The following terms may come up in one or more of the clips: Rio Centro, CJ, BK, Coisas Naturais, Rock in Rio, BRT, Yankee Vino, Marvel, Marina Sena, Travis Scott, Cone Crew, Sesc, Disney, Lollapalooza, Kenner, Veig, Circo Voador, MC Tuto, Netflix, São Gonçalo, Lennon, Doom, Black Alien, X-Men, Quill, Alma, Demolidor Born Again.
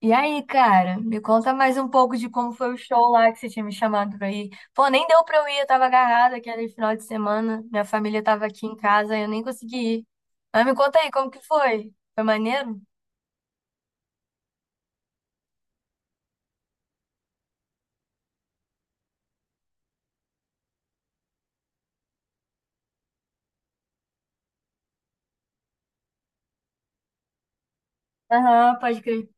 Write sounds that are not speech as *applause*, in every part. E aí, cara, me conta mais um pouco de como foi o show lá que você tinha me chamado pra ir. Pô, nem deu pra eu ir, eu tava agarrada aquele final de semana, minha família tava aqui em casa e eu nem consegui ir. Mas me conta aí, como que foi? Foi maneiro? Aham, pode crer.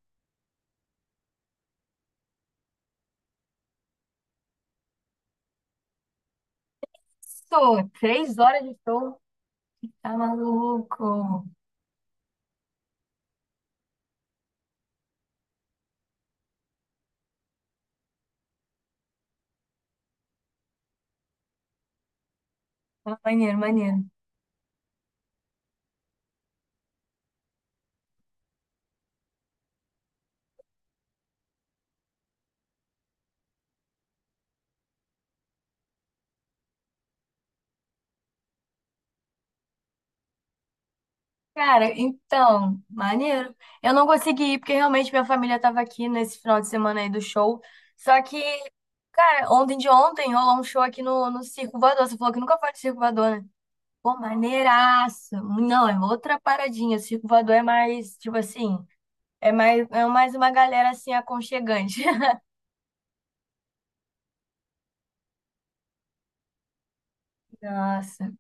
Sou, 3 horas de show. Tá maluco. Tá maneiro, maneiro. Cara, então, maneiro. Eu não consegui ir porque realmente minha família tava aqui nesse final de semana aí do show. Só que, cara, ontem de ontem rolou um show aqui no Circo Voador. Você falou que nunca foi de Circo Voador, né? Pô, maneiraço. Não, é outra paradinha. O Circo Voador é mais, tipo assim, é mais uma galera assim aconchegante. *laughs* Nossa.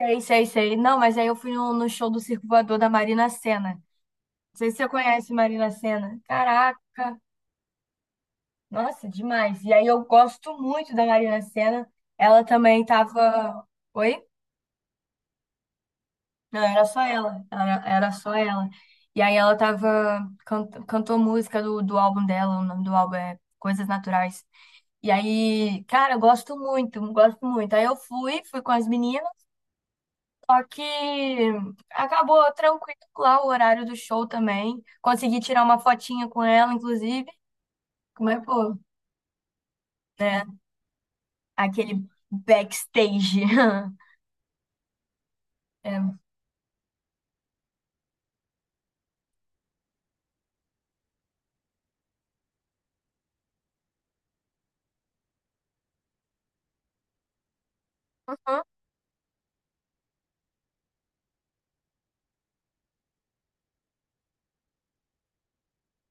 Sei, sei, sei. Não, mas aí eu fui no show do Circo Voador da Marina Sena. Não sei se você conhece Marina Sena. Caraca. Nossa, demais. E aí eu gosto muito da Marina Sena. Ela também tava. Oi? Não, era só ela. Era só ela. E aí ela tava. Cantou música do álbum dela. O nome do álbum é Coisas Naturais. E aí, cara, eu gosto muito, gosto muito. Aí eu fui, com as meninas, só que acabou tranquilo lá o horário do show também. Consegui tirar uma fotinha com ela, inclusive. Mas, pô, né? Aquele backstage. *laughs* É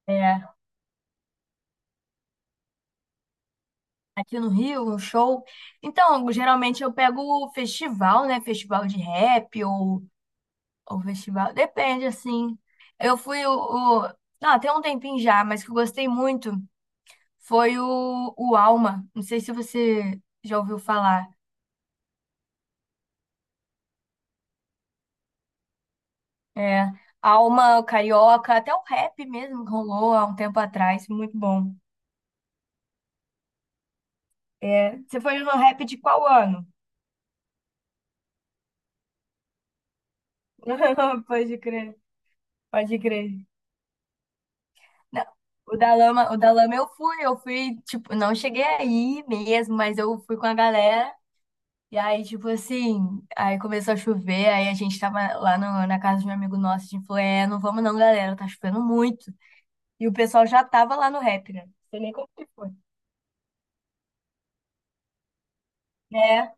É, aqui no Rio, um show. Então, geralmente eu pego o festival, né? Festival de rap ou festival. Depende, assim. Eu fui o. Ah, tem um tempinho já, mas que eu gostei muito foi o Alma. Não sei se você já ouviu falar. É, Alma, o Carioca, até o rap mesmo rolou há um tempo atrás. Muito bom. É, você foi no rap de qual ano? *laughs* Pode crer, pode crer. Não, o da lama eu fui, tipo, não cheguei aí mesmo, mas eu fui com a galera. E aí, tipo assim, aí começou a chover, aí a gente tava lá na casa de um amigo nosso, a gente falou, é, não vamos não, galera, tá chovendo muito. E o pessoal já tava lá no rap, né? Não sei nem como que foi. É,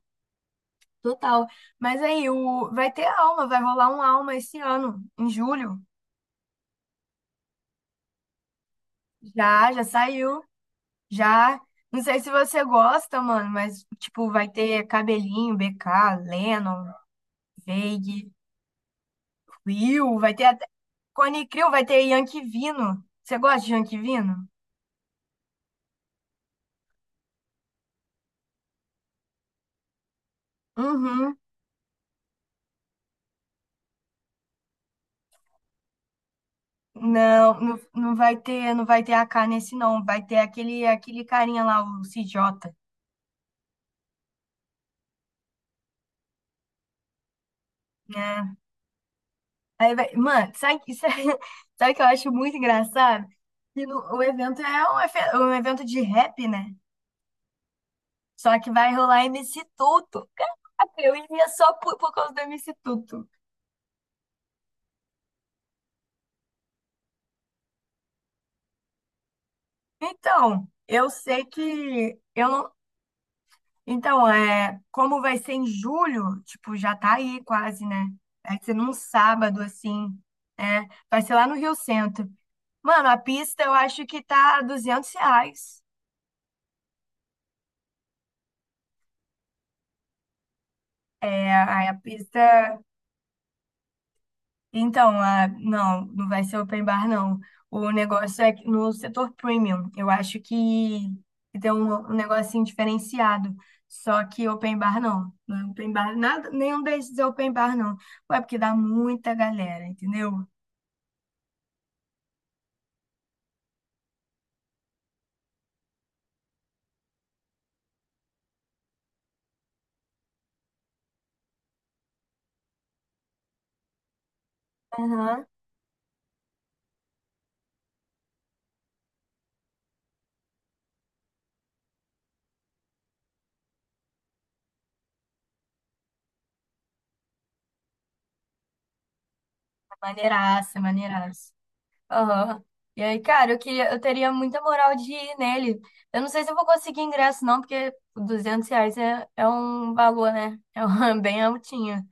total. Mas aí, vai ter Alma, vai rolar um Alma esse ano, em julho. Já, já saiu, já. Não sei se você gosta, mano, mas, tipo, vai ter cabelinho, BK, Lennon. Veig, Quill, vai ter até. Cone Crew vai ter Yankee Vino. Você gosta de Yankee Vino? Uhum. Não, não, não vai ter AK nesse não, vai ter aquele carinha lá, o CJ, né? Aí vai, mano, sabe, *laughs* sabe o que eu acho muito engraçado? Que o evento é um evento de rap, né? Só que vai rolar MC Tuto. Caraca, eu iria só por, causa do MC Tuto. Então, eu sei que eu não Então, é, como vai ser em julho, tipo, já tá aí quase, né? Vai ser num sábado, assim, né? Vai ser lá no Rio Centro. Mano, a pista eu acho que tá R$ 200. É, aí a pista. Então, não, não vai ser open bar, não. O negócio é que no setor premium. Eu acho que tem um negocinho diferenciado. Só que open bar, não. Não é open bar, nada, nenhum desses é open bar, não. Ué, porque dá muita galera, entendeu? Aham. Maneiraça, maneiraça. Aham. E aí, cara, eu queria, eu teria muita moral de ir nele. Eu não sei se eu vou conseguir ingresso, não, porque R$ 200 é um valor, né? É um, *laughs* bem altinho.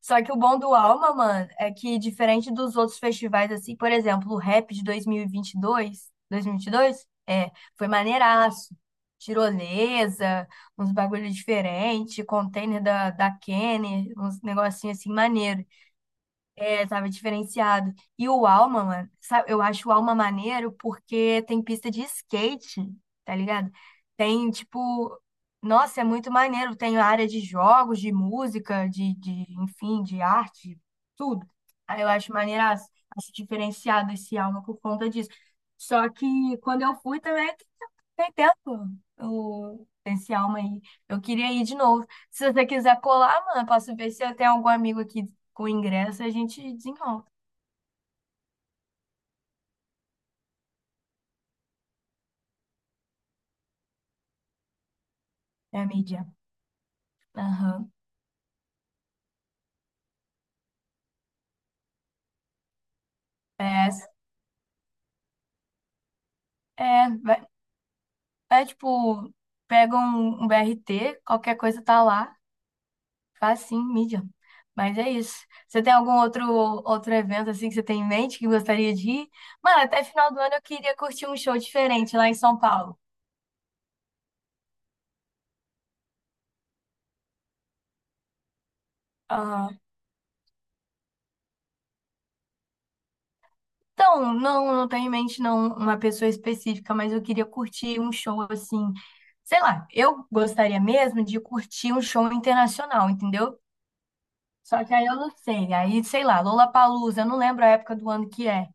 Só que o bom do Alma, mano, é que diferente dos outros festivais, assim, por exemplo, o Rap de dois mil mil e vinte 2022, dois é, foi maneiraço. Tirolesa, uns bagulho diferente, container da Kenner, uns negocinhos assim maneiro. É, tava diferenciado. E o Alma, mano, sabe, eu acho o Alma maneiro porque tem pista de skate, tá ligado? Tem, tipo, nossa, é muito maneiro. Tem área de jogos, de música, de enfim, de arte, tudo. Aí eu acho maneiraço, acho diferenciado esse Alma por conta disso. Só que quando eu fui também, tem tempo esse Alma aí. Eu queria ir de novo. Se você quiser colar, mano, posso ver se eu tenho algum amigo aqui com ingresso a gente desenrola. É a mídia. Aham. É, é, vai- tipo, pega um, BRT, qualquer coisa tá lá, faz sim, mídia. Mas é isso. Você tem algum outro evento assim que você tem em mente que gostaria de ir? Mano, até final do ano eu queria curtir um show diferente lá em São Paulo. ah Então, não, não tenho em mente não uma pessoa específica, mas eu queria curtir um show assim. Sei lá, eu gostaria mesmo de curtir um show internacional, entendeu? Só que aí eu não sei. Aí, sei lá, Lollapalooza, eu não lembro a época do ano que é.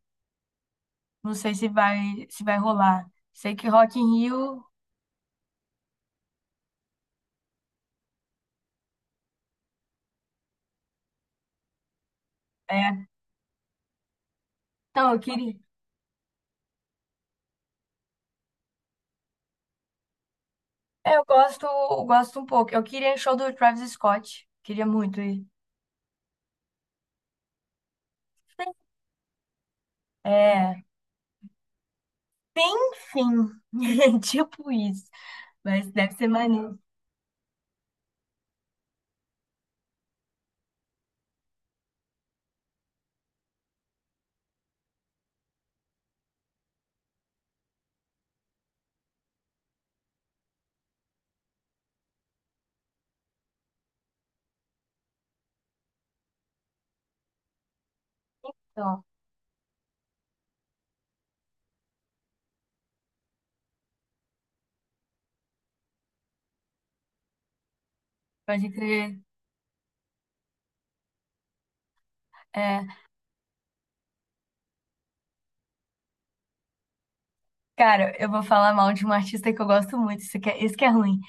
Não sei se vai rolar. Sei que Rock in Rio é. Então, eu queria. É, eu gosto um pouco. Eu queria show do Travis Scott. Queria muito ir. É. Enfim, *laughs* tipo isso. Mas deve ser maneiro. Então, pode crer. É, cara, eu vou falar mal de um artista que eu gosto muito. Isso que é ruim.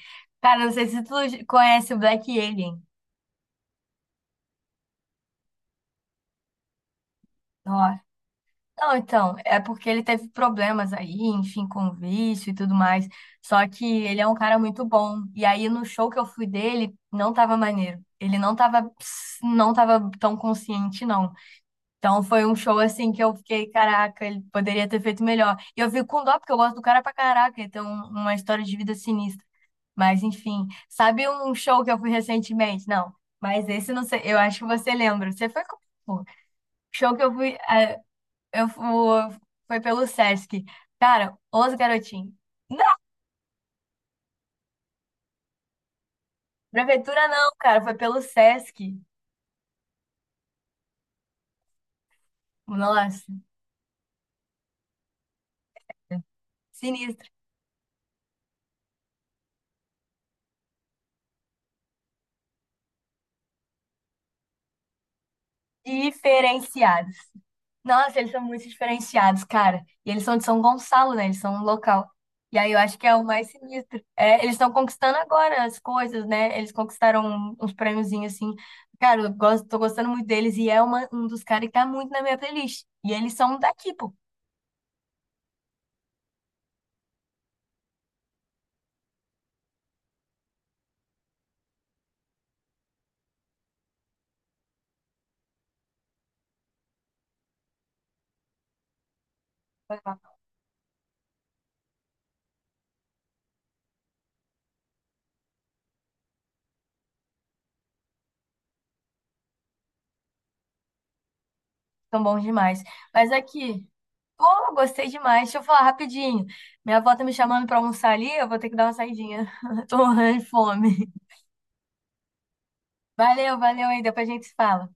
Cara, não sei se tu conhece o Black Alien. Ó. Não, então, é porque ele teve problemas aí, enfim, com vício e tudo mais. Só que ele é um cara muito bom. E aí no show que eu fui dele, não tava maneiro. Ele não tava tão consciente, não. Então foi um show assim que eu fiquei, caraca, ele poderia ter feito melhor. E eu fico com dó, porque eu gosto do cara pra caraca, ele tem uma história de vida sinistra. Mas enfim, sabe um show que eu fui recentemente? Não, mas esse não sei, eu acho que você lembra. Você foi com. Show que eu fui. Eu fu- foi pelo Sesc. Cara, os garotinhos. Não, prefeitura não, cara, foi pelo Sesc. Nossa, sinistro. Diferenciados. Nossa, eles são muito diferenciados, cara. E eles são de São Gonçalo, né? Eles são um local. E aí eu acho que é o mais sinistro. É, eles estão conquistando agora as coisas, né? Eles conquistaram uns prêmiozinhos assim. Cara, tô gostando muito deles e é um dos caras que tá muito na minha playlist. E eles são daqui, pô. São bons demais. Mas aqui. Pô, gostei demais. Deixa eu falar rapidinho. Minha avó tá me chamando pra almoçar ali, eu vou ter que dar uma saidinha. *laughs* Tô morrendo de fome. Valeu, valeu aí, depois a gente se fala.